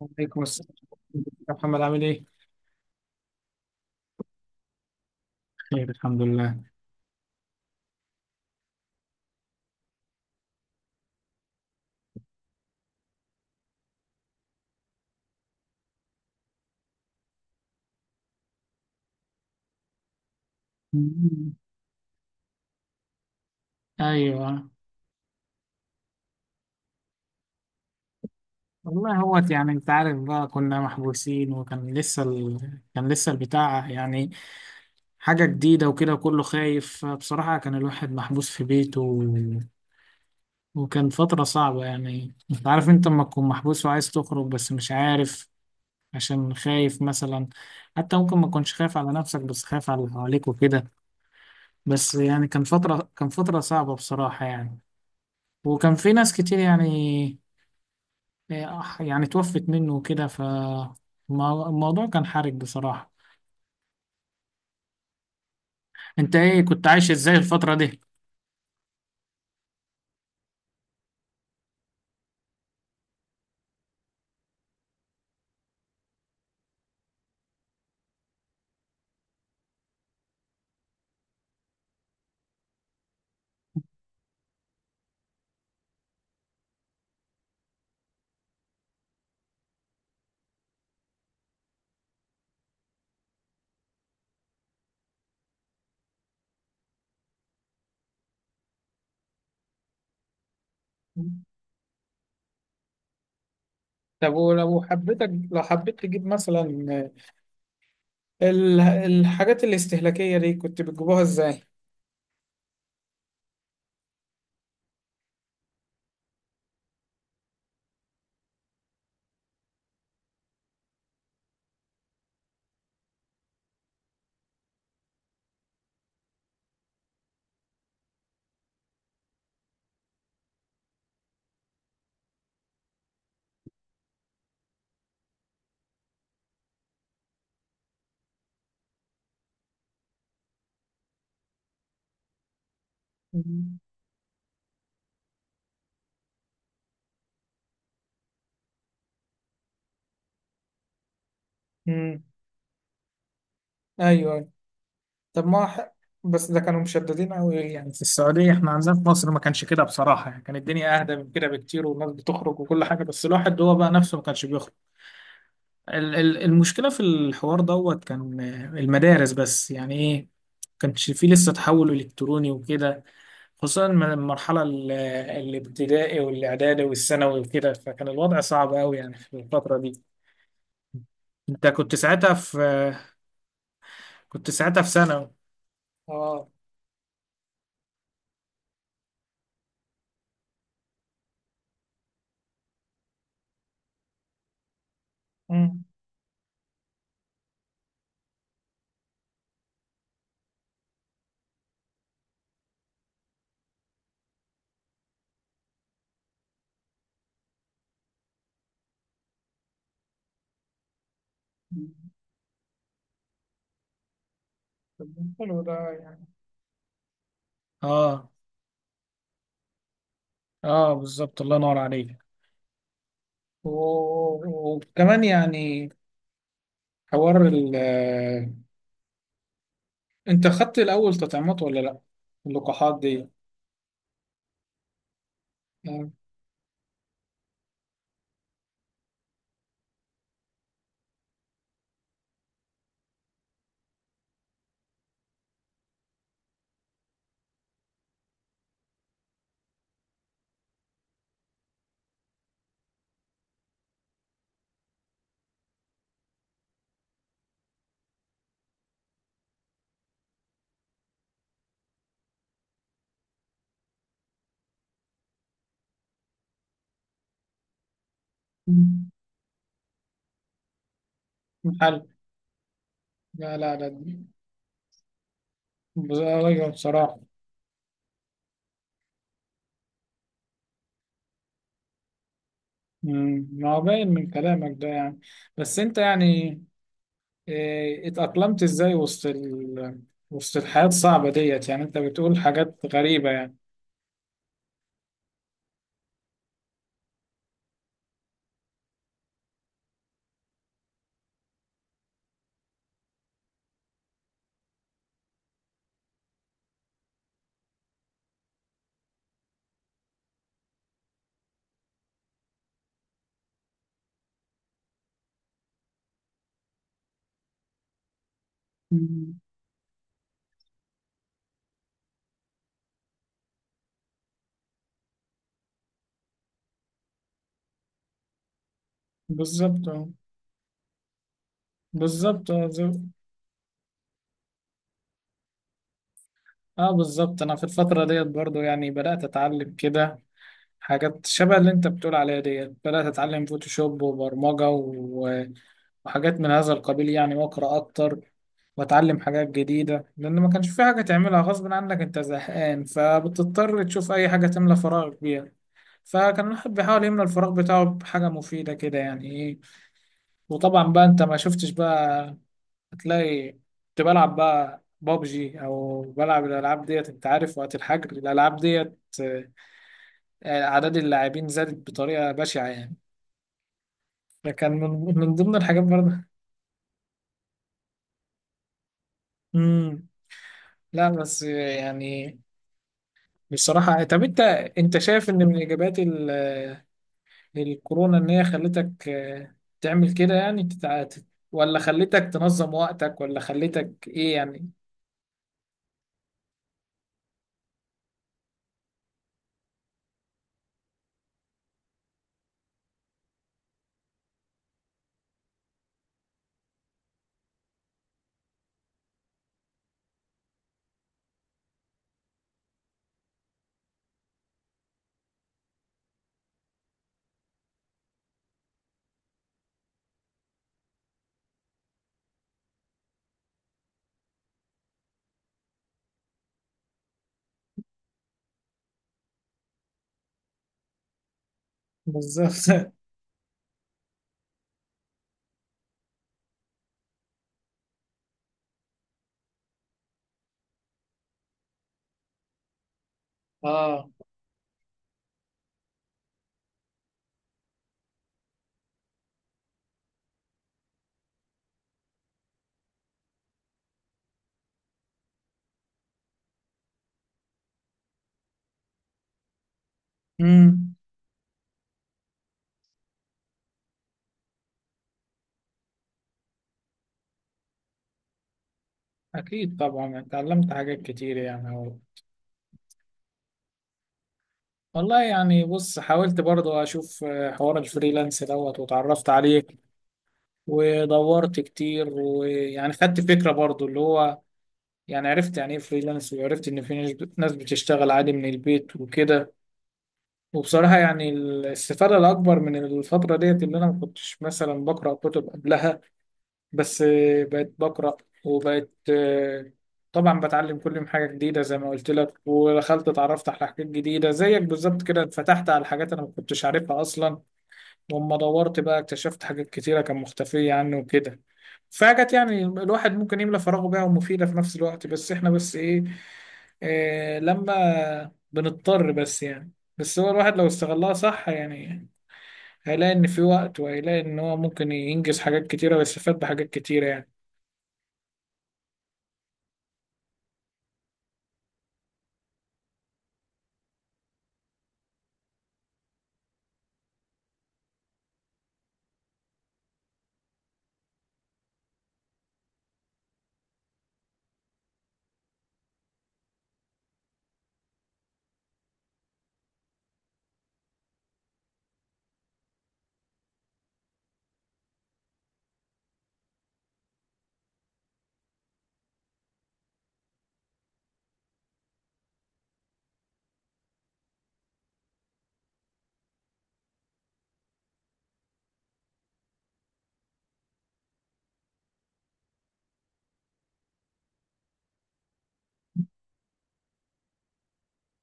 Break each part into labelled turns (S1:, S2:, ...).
S1: وعليكم السلام يا محمد، عامل ايه؟ خير، الحمد لله. مم. ايوه. والله هو يعني انت عارف بقى كنا محبوسين، كان لسه البتاع يعني حاجة جديدة وكده، وكله خايف بصراحة. كان الواحد محبوس في بيته. وكان فترة صعبة. يعني انت عارف، انت لما تكون محبوس وعايز تخرج بس مش عارف، عشان خايف مثلا. حتى ممكن ما تكونش خايف على نفسك بس خايف على اللي حواليك وكده. بس يعني كان فترة صعبة بصراحة يعني. وكان في ناس كتير يعني يعني توفت منه وكده، فالموضوع كان حرج بصراحة. انت ايه كنت عايش ازاي الفترة دي؟ طب ولو حبيتك، لو حبيت تجيب مثلا الحاجات الاستهلاكية دي كنت بتجيبوها ازاي؟ امم ايوه، أيوة. طب ما ح- بس ده كانوا مشددين قوي يعني في السعودية. احنا عندنا في مصر ما كانش كده بصراحة، يعني كانت الدنيا اهدى من كده بكتير، والناس بتخرج وكل حاجة، بس الواحد هو بقى نفسه ما كانش بيخرج. المشكلة في الحوار دوت كان المدارس، بس يعني ايه كانش فيه لسه تحول إلكتروني وكده، خصوصا من المرحلة الابتدائي والإعدادي والثانوي وكده، فكان الوضع صعب أوي يعني في الفترة دي. أنت كنت ساعتها في آه، كنت ساعتها في ثانوي. اه. مم. طب حلو ده يعني. اه. اه، بالظبط، الله ينور عليك. وكمان يعني حوار، انت خدت الاول تطعيمات ولا لا؟ اللقاحات دي يعني. حل. لا لا لا، بصراحة بصراحة. ما هو باين من كلامك ده يعني. بس انت يعني اه، اتأقلمت ازاي وسط وسط الحياة الصعبة ديت؟ يعني انت بتقول حاجات غريبة يعني. مم. بالظبط اه. بالظبط اه. اه بالظبط، انا في الفترة ديت برضو يعني بدأت اتعلم كده حاجات شبه اللي انت بتقول عليها ديت. بدأت اتعلم فوتوشوب وبرمجة وحاجات من هذا القبيل يعني، واقرا اكتر واتعلم حاجات جديده، لان ما كانش في حاجه تعملها غصب عنك انت زهقان، فبتضطر تشوف اي حاجه تملى فراغك بيها. فكان الواحد بيحاول يملى الفراغ بتاعه بحاجه مفيده كده، يعني ايه. وطبعا بقى انت ما شفتش بقى، هتلاقي كنت بلعب بقى بابجي او بلعب الالعاب ديت. انت عارف وقت الحجر الالعاب ديت، اعداد اللاعبين زادت بطريقه بشعه يعني. فكان من ضمن الحاجات برضه. امم لا، بس يعني بصراحة. طب أنت شايف إن من إيجابيات الكورونا إن هي خلتك تعمل كده، يعني ولا خلتك تنظم وقتك ولا خلتك إيه يعني؟ بالظبط آه. امم أكيد طبعا اتعلمت حاجات كتير يعني أهو. والله يعني بص، حاولت برضو أشوف حوار الفريلانس دوت واتعرفت عليه، ودورت كتير، ويعني خدت فكرة برضو اللي هو، يعني عرفت يعني إيه فريلانس، وعرفت إن في ناس بتشتغل عادي من البيت وكده. وبصراحة يعني الاستفادة الأكبر من الفترة ديت اللي أنا ما كنتش مثلا بقرأ كتب قبلها. بس بقيت بقرأ، وبقيت آه، طبعا بتعلم كل يوم حاجة جديدة زي ما قلت لك. ودخلت اتعرفت على حاجات جديدة زيك بالظبط كده، اتفتحت على حاجات أنا ما كنتش عارفها أصلا. ولما دورت بقى اكتشفت حاجات كتيرة كان مختفية عني وكده. فحاجات يعني الواحد ممكن يملى فراغه بيها ومفيدة في نفس الوقت، بس احنا بس إيه، لما بنضطر بس يعني. بس هو الواحد لو استغلها صح يعني هيلاقي إن في وقت، وهيلاقي إن هو ممكن ينجز حاجات كتيرة ويستفاد بحاجات كتيرة يعني.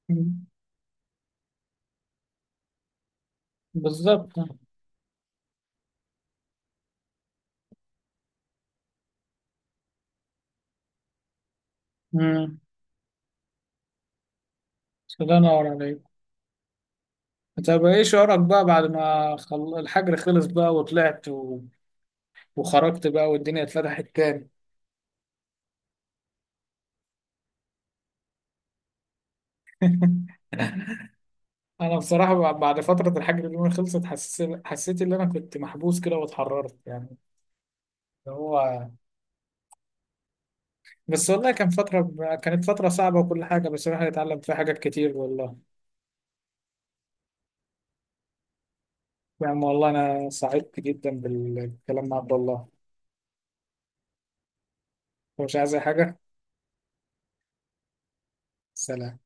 S1: مم. بالظبط. امم الله ينور عليك. طب إيه شعورك بقى بعد ما الحجر خلص بقى وطلعت، وخرجت بقى والدنيا اتفتحت تاني. أنا بصراحة بعد فترة الحجر اللي أنا خلصت، حسيت إن أنا كنت محبوس كده واتحررت يعني. اللي هو، بس والله كانت فترة صعبة وكل حاجة، بس الواحد اتعلم فيها حاجات كتير والله. يا عم والله، أنا سعدت جدا بالكلام مع عبد الله. هو مش عايز أي حاجة. سلام.